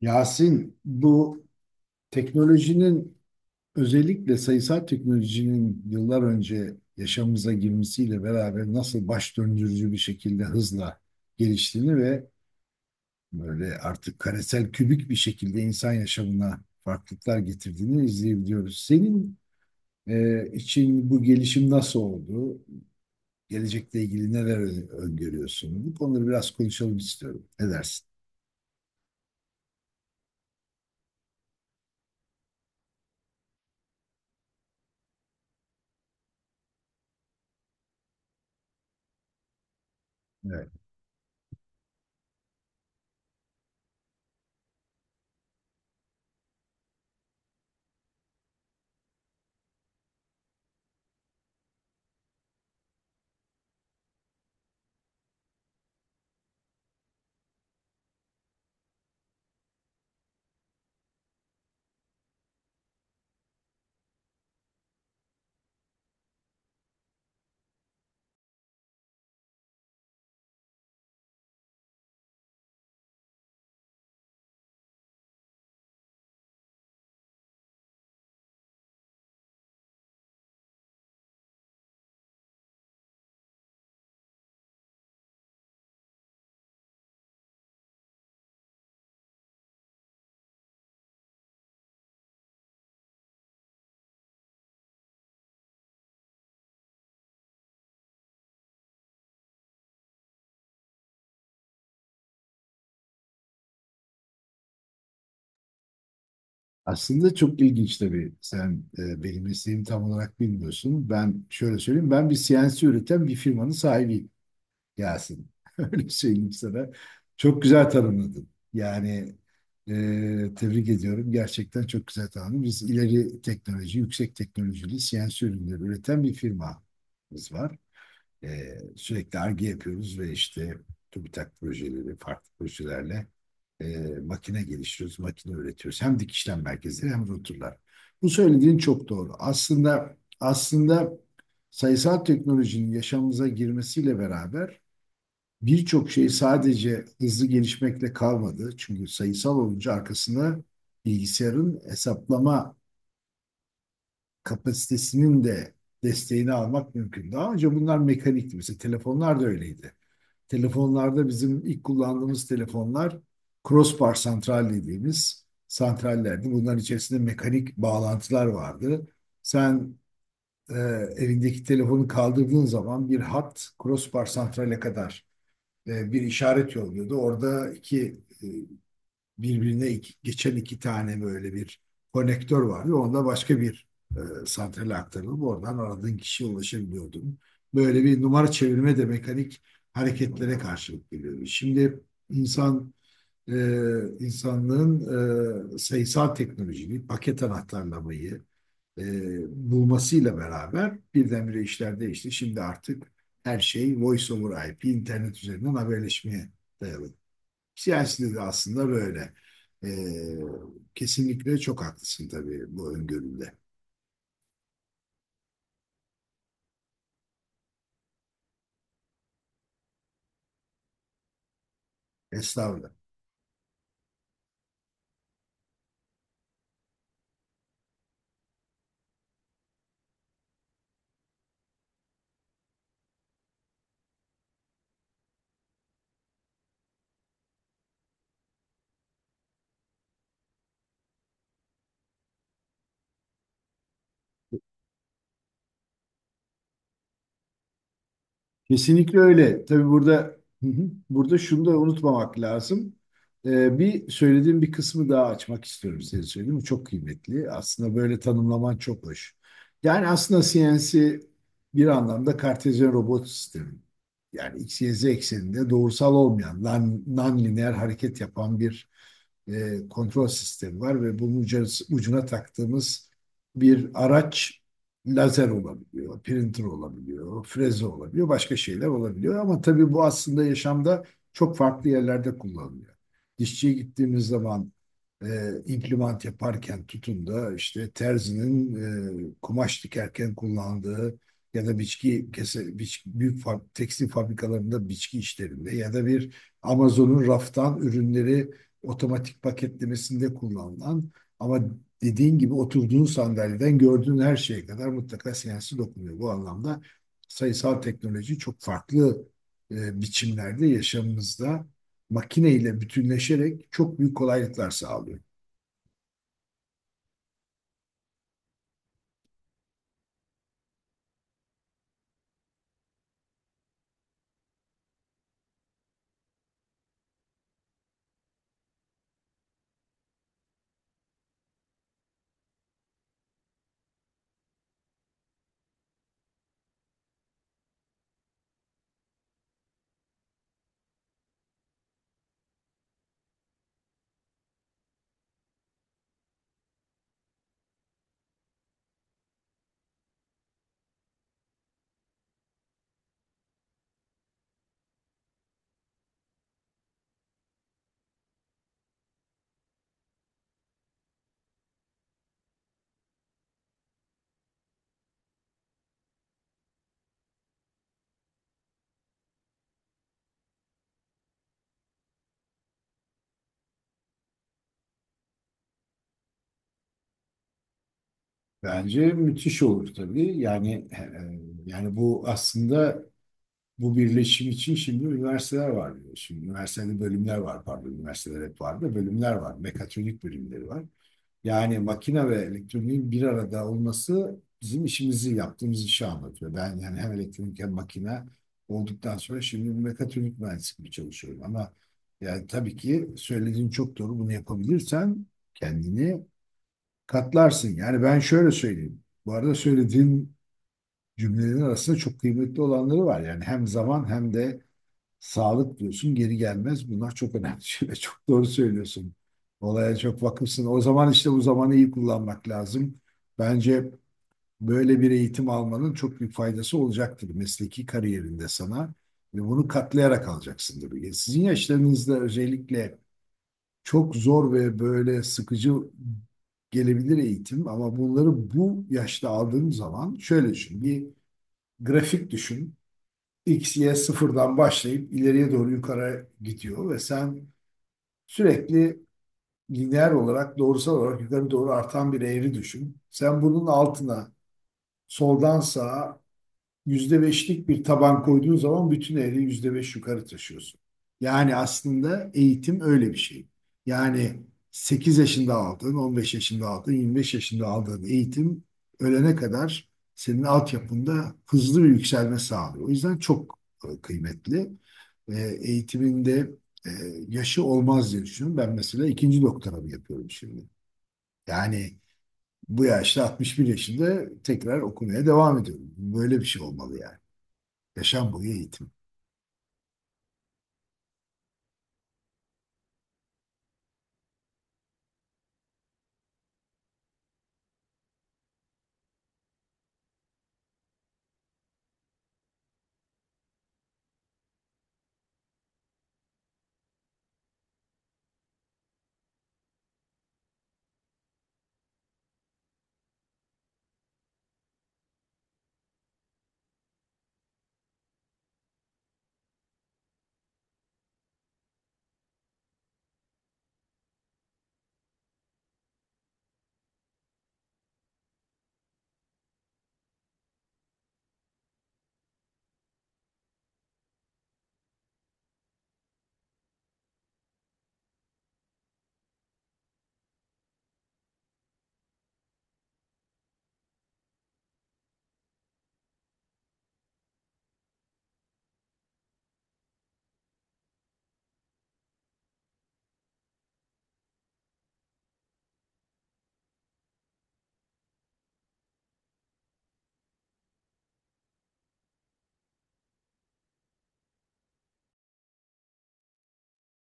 Yasin, bu teknolojinin özellikle sayısal teknolojinin yıllar önce yaşamımıza girmesiyle beraber nasıl baş döndürücü bir şekilde hızla geliştiğini ve böyle artık karesel kübik bir şekilde insan yaşamına farklılıklar getirdiğini izleyebiliyoruz. Senin için bu gelişim nasıl oldu? Gelecekle ilgili neler öngörüyorsun? Bu konuları biraz konuşalım istiyorum. Ne dersin? Aslında çok ilginç tabii. Sen benim mesleğimi tam olarak bilmiyorsun. Ben şöyle söyleyeyim. Ben bir CNC üreten bir firmanın sahibiyim Yasin. Öyle söyleyeyim sana. Çok güzel tanımladın. Yani e, tebrik ediyorum. Gerçekten çok güzel tanımladın. Biz ileri teknoloji, yüksek teknolojili CNC ürünleri üreten bir firmamız var. Sürekli arge yapıyoruz ve işte TÜBİTAK projeleri, farklı projelerle e, makine geliştiriyoruz, makine üretiyoruz. Hem dikişlem merkezleri hem rotorlar. Bu söylediğin çok doğru. Aslında sayısal teknolojinin yaşamımıza girmesiyle beraber birçok şey sadece hızlı gelişmekle kalmadı. Çünkü sayısal olunca arkasına bilgisayarın hesaplama kapasitesinin de desteğini almak mümkün. Daha önce bunlar mekanikti. Mesela telefonlar da öyleydi. Telefonlarda bizim ilk kullandığımız telefonlar crossbar santral dediğimiz santrallerdi. Bunların içerisinde mekanik bağlantılar vardı. Sen e, evindeki telefonu kaldırdığın zaman bir hat crossbar santrale kadar bir işaret yolluyordu. Orada iki birbirine geçen iki tane böyle bir konektör vardı. Onda başka bir santrale aktarılıp oradan aradığın kişiye ulaşabiliyordun. Böyle bir numara çevirme de mekanik hareketlere karşılık geliyordu. Şimdi insan e, insanlığın sayısal teknolojiyi, paket anahtarlamayı e, bulmasıyla beraber birdenbire işler değişti. Şimdi artık her şey Voice over IP, internet üzerinden haberleşmeye dayalı. Siyasi de aslında böyle. Kesinlikle çok haklısın tabii bu öngöründe. Estağfurullah. Kesinlikle öyle. Tabii burada. Hı hı. Burada şunu da unutmamak lazım. Bir söylediğim bir kısmı daha açmak istiyorum size söyleyeyim. Bu çok kıymetli. Aslında böyle tanımlaman çok hoş. Yani aslında CNC bir anlamda Kartezyen robot sistemi. Yani X, Y, Z ekseninde doğrusal olmayan, non-lineer hareket yapan bir kontrol sistemi var ve bunun ucuna taktığımız bir araç lazer olabiliyor, printer olabiliyor, freze olabiliyor, başka şeyler olabiliyor. Ama tabii bu aslında yaşamda çok farklı yerlerde kullanılıyor. Dişçiye gittiğimiz zaman e, implement yaparken tutun da işte terzinin kumaş dikerken kullandığı ya da biçki kese, biç, büyük fa- tekstil fabrikalarında biçki işlerinde ya da bir Amazon'un raftan ürünleri otomatik paketlemesinde kullanılan ama dediğin gibi oturduğun sandalyeden gördüğün her şeye kadar mutlaka sensi dokunuyor. Bu anlamda sayısal teknoloji çok farklı biçimlerde yaşamımızda makineyle bütünleşerek çok büyük kolaylıklar sağlıyor. Bence müthiş olur tabii. Yani bu aslında bu birleşim için şimdi üniversiteler var. Diyor. Şimdi üniversitede bölümler var pardon. Üniversiteler hep var da bölümler var. Mekatronik bölümleri var. Yani makine ve elektroniğin bir arada olması bizim işimizi yaptığımız işi anlatıyor. Ben yani hem elektronik hem makine olduktan sonra şimdi mekatronik mühendisliği çalışıyorum. Ama yani tabii ki söylediğin çok doğru. Bunu yapabilirsen kendini katlarsın. Yani ben şöyle söyleyeyim. Bu arada söylediğin cümlelerin arasında çok kıymetli olanları var. Yani hem zaman hem de sağlık diyorsun geri gelmez. Bunlar çok önemli şeyler. Çok doğru söylüyorsun. Olaya çok vakıfsın. O zaman işte bu zamanı iyi kullanmak lazım. Bence böyle bir eğitim almanın çok büyük faydası olacaktır mesleki kariyerinde sana. Ve bunu katlayarak alacaksın tabii. Sizin yaşlarınızda özellikle çok zor ve böyle sıkıcı gelebilir eğitim ama bunları bu yaşta aldığın zaman şöyle düşün. Bir grafik düşün. X, Y sıfırdan başlayıp ileriye doğru yukarı gidiyor ve sen sürekli lineer olarak doğrusal olarak yukarı doğru artan bir eğri düşün. Sen bunun altına soldan sağa %5'lik bir taban koyduğun zaman bütün ehli %5 yukarı taşıyorsun. Yani aslında eğitim öyle bir şey. Yani 8 yaşında aldığın, 15 yaşında aldığın, 25 yaşında aldığın eğitim ölene kadar senin altyapında hızlı bir yükselme sağlıyor. O yüzden çok kıymetli. E, Eğitiminde e, yaşı olmaz diye düşünüyorum. Ben mesela ikinci doktoramı yapıyorum şimdi. Yani bu yaşta 61 yaşında tekrar okumaya devam ediyorum. Böyle bir şey olmalı yani. Yaşam boyu eğitim.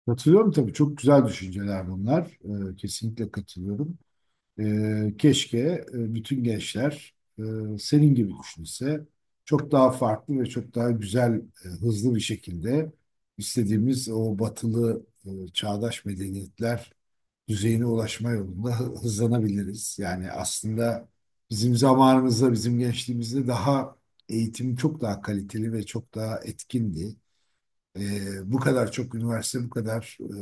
Katılıyorum tabii. Çok güzel düşünceler bunlar. Kesinlikle katılıyorum. Keşke bütün gençler senin gibi düşünse çok daha farklı ve çok daha güzel, hızlı bir şekilde istediğimiz o batılı çağdaş medeniyetler düzeyine ulaşma yolunda hızlanabiliriz. Yani aslında bizim zamanımızda, bizim gençliğimizde daha eğitim çok daha kaliteli ve çok daha etkindi. Bu kadar çok üniversite, bu kadar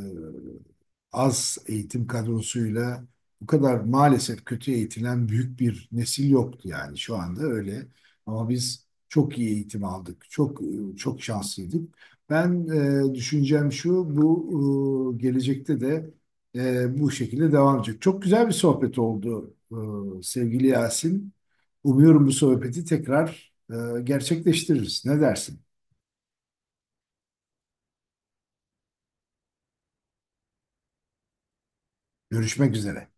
az eğitim kadrosuyla bu kadar maalesef kötü eğitilen büyük bir nesil yoktu yani şu anda öyle. Ama biz çok iyi eğitim aldık, çok şanslıydık. Ben düşüncem şu, bu gelecekte de bu şekilde devam edecek. Çok güzel bir sohbet oldu sevgili Yasin. Umuyorum bu sohbeti tekrar gerçekleştiririz. Ne dersin? Görüşmek üzere.